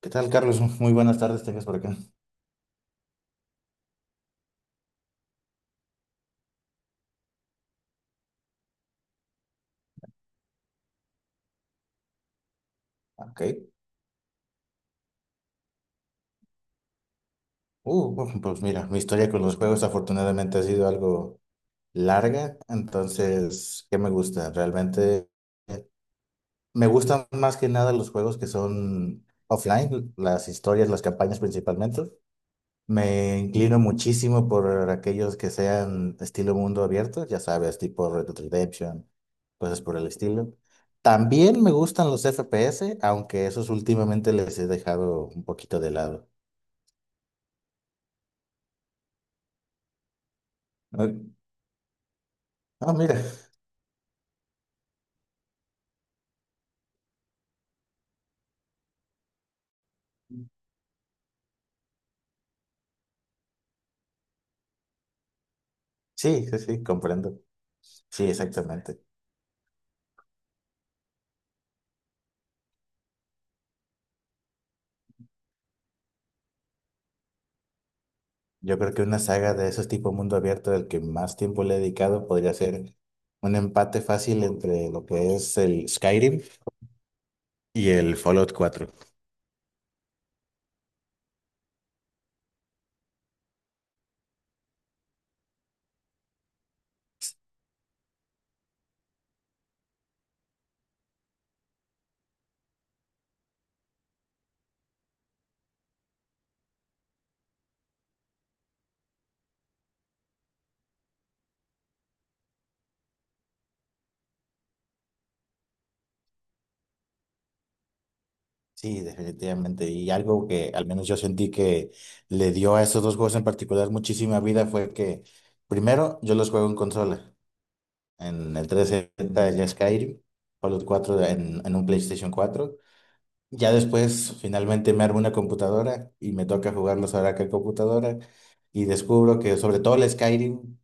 ¿Qué tal, Carlos? Muy buenas tardes, tengas por acá. Ok. Bueno, pues mira, mi historia con los juegos afortunadamente ha sido algo larga, entonces, ¿qué me gusta? Realmente eh, me gustan más que nada los juegos que son offline, las historias, las campañas principalmente. Me inclino muchísimo por aquellos que sean estilo mundo abierto, ya sabes, tipo Red Dead Redemption, cosas por el estilo. También me gustan los FPS, aunque esos últimamente les he dejado un poquito de lado. Ah, ah, mira, sí, sí, sí, comprendo. Sí, exactamente. Yo creo que una saga de esos tipo mundo abierto del que más tiempo le he dedicado podría ser un empate fácil entre lo que es el Skyrim y el Fallout 4. Sí, definitivamente. Y algo que al menos yo sentí que le dio a esos dos juegos en particular muchísima vida fue que, primero, yo los juego en consola, en el 360 de Skyrim, Fallout 4 en un PlayStation 4. Ya después, finalmente, me armo una computadora y me toca jugarlos ahora que computadora. Y descubro que, sobre todo el Skyrim,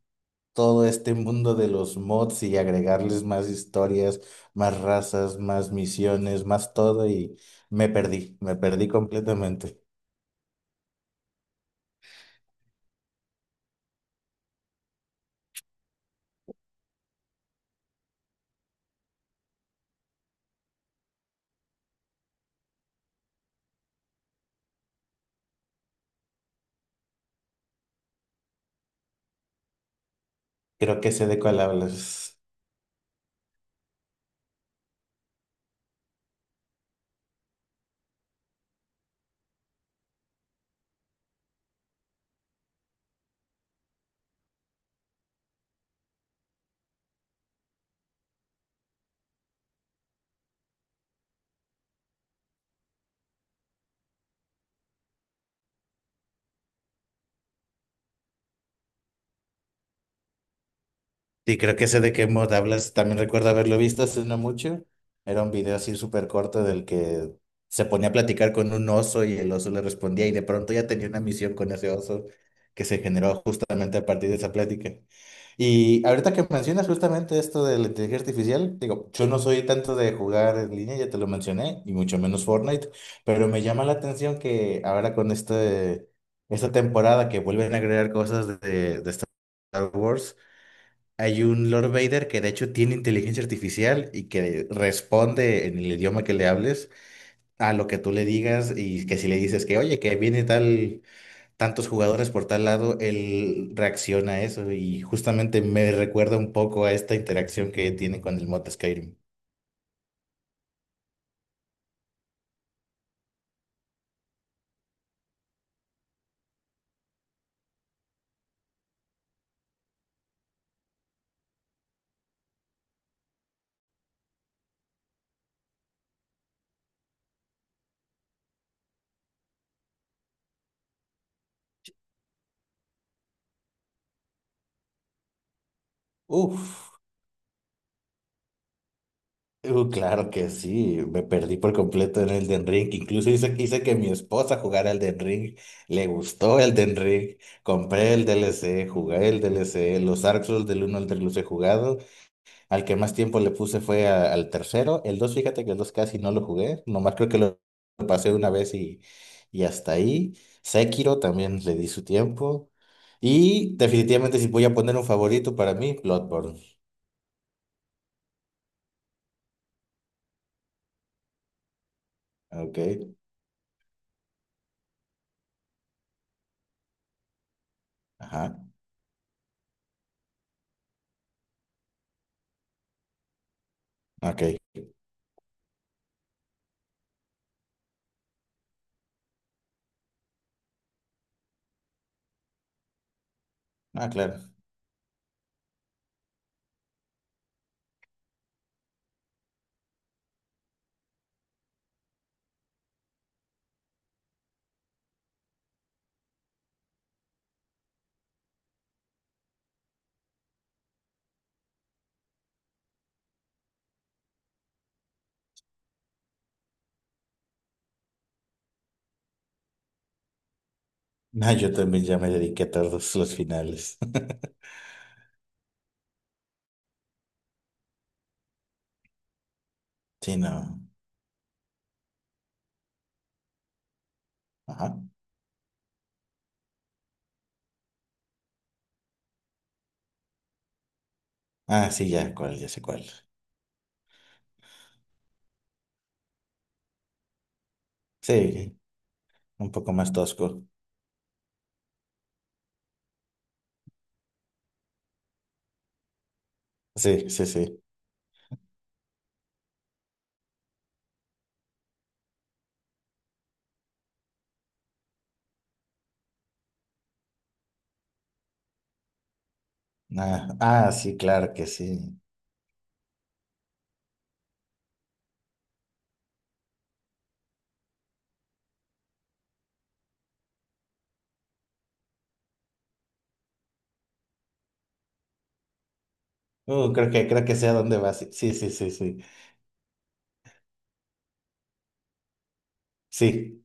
todo este mundo de los mods y agregarles más historias, más razas, más misiones, más todo y me perdí completamente. Creo que sé de cuál hablas. Sí, creo que ese de qué mod hablas, también recuerdo haberlo visto hace no mucho. Era un video así súper corto del que se ponía a platicar con un oso y el oso le respondía y de pronto ya tenía una misión con ese oso que se generó justamente a partir de esa plática. Y ahorita que mencionas justamente esto de la inteligencia artificial, digo, yo no soy tanto de jugar en línea, ya te lo mencioné, y mucho menos Fortnite, pero me llama la atención que ahora con esta temporada que vuelven a agregar cosas de Star Wars, hay un Lord Vader que de hecho tiene inteligencia artificial y que responde en el idioma que le hables a lo que tú le digas y que si le dices que, oye, que viene tal, tantos jugadores por tal lado, él reacciona a eso y justamente me recuerda un poco a esta interacción que tiene con el mod Skyrim. Uf. Claro que sí, me perdí por completo en el Den Ring. Incluso hice que mi esposa jugara el Den Ring. Le gustó el Den Ring. Compré el DLC, jugué el DLC. Los Dark Souls del uno al 3 los he jugado. Al que más tiempo le puse fue al tercero. El 2 fíjate que el 2 casi no lo jugué. Nomás creo que lo pasé una vez y hasta ahí. Sekiro también le di su tiempo. Y definitivamente si voy a poner un favorito para mí, Bloodborne. Ok, ajá, ok. Ah, claro. No, yo también ya me dediqué a todos los finales. Sí, no. Ajá. Ah, sí, ya cuál, ya sé cuál. Sí, un poco más tosco. Sí, sí, sí. Ah, ah, sí, claro que sí. Creo que sé a dónde vas. Sí, sí, sí, sí. Sí,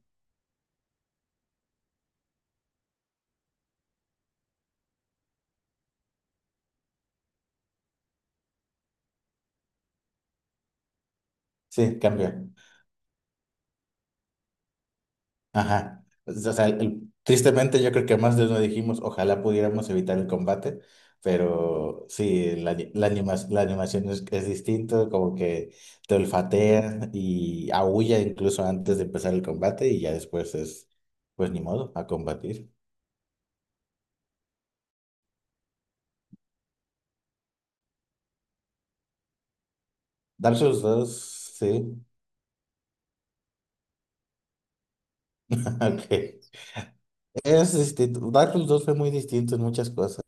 sí, sí, cambia. Ajá. Pues, o sea, tristemente yo creo que más de uno dijimos, ojalá pudiéramos evitar el combate, pero sí, la animación es distinto, como que te olfatea y aúlla incluso antes de empezar el combate y ya después es, pues ni modo, a combatir. Dark Souls 2 sí, ok. Es distinto. Dark Souls 2 fue muy distinto en muchas cosas.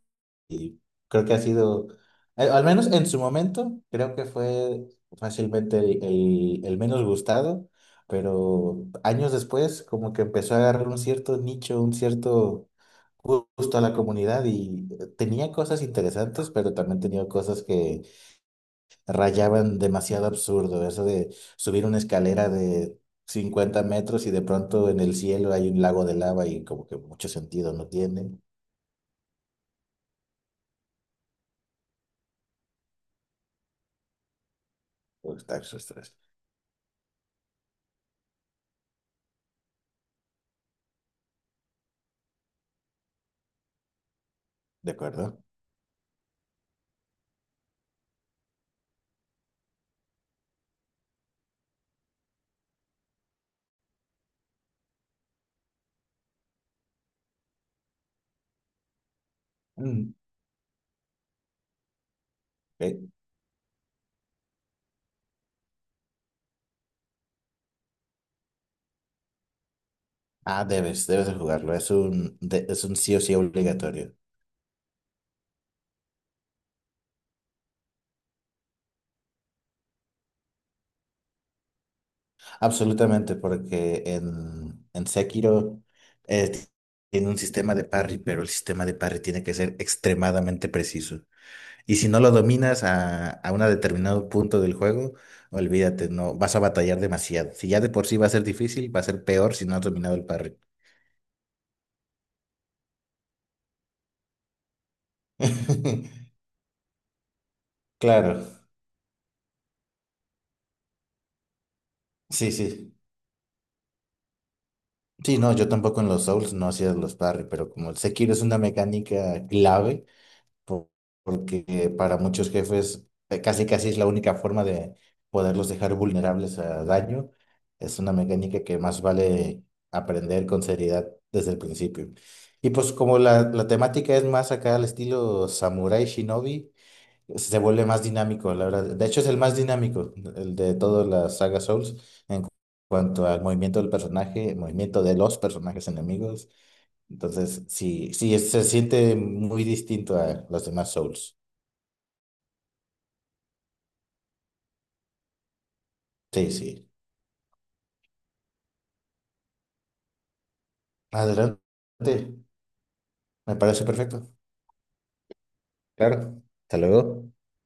Y creo que ha sido, al menos en su momento, creo que fue fácilmente el menos gustado, pero años después como que empezó a agarrar un cierto nicho, un cierto gusto a la comunidad y tenía cosas interesantes, pero también tenía cosas que rayaban demasiado absurdo, eso de subir una escalera de 50 metros y de pronto en el cielo hay un lago de lava y como que mucho sentido no tiene. Pues, ¿De acuerdo? Eh, ah, debes de jugarlo. Es un sí o sí obligatorio. Absolutamente, porque en Sekiro eh, t- tiene un sistema de parry, pero el sistema de parry tiene que ser extremadamente preciso. Y si no lo dominas a un determinado punto del juego, olvídate, no vas a batallar demasiado. Si ya de por sí va a ser difícil, va a ser peor si no has dominado el parry. Claro, sí, sí. Sí, no, yo tampoco en los Souls no hacía los parry, pero como el Sekiro es una mecánica clave por- porque para muchos jefes casi casi es la única forma de poderlos dejar vulnerables a daño. Es una mecánica que más vale aprender con seriedad desde el principio. Y pues como la temática es más acá al estilo Samurai Shinobi, se vuelve más dinámico, la verdad. De hecho es el más dinámico, el de toda la saga Souls, en cuanto al movimiento del personaje, el movimiento de los personajes enemigos. Entonces, sí, sí, se siente muy distinto a los demás Souls. Sí, sí. Adelante. Me parece perfecto. Claro. Hasta luego.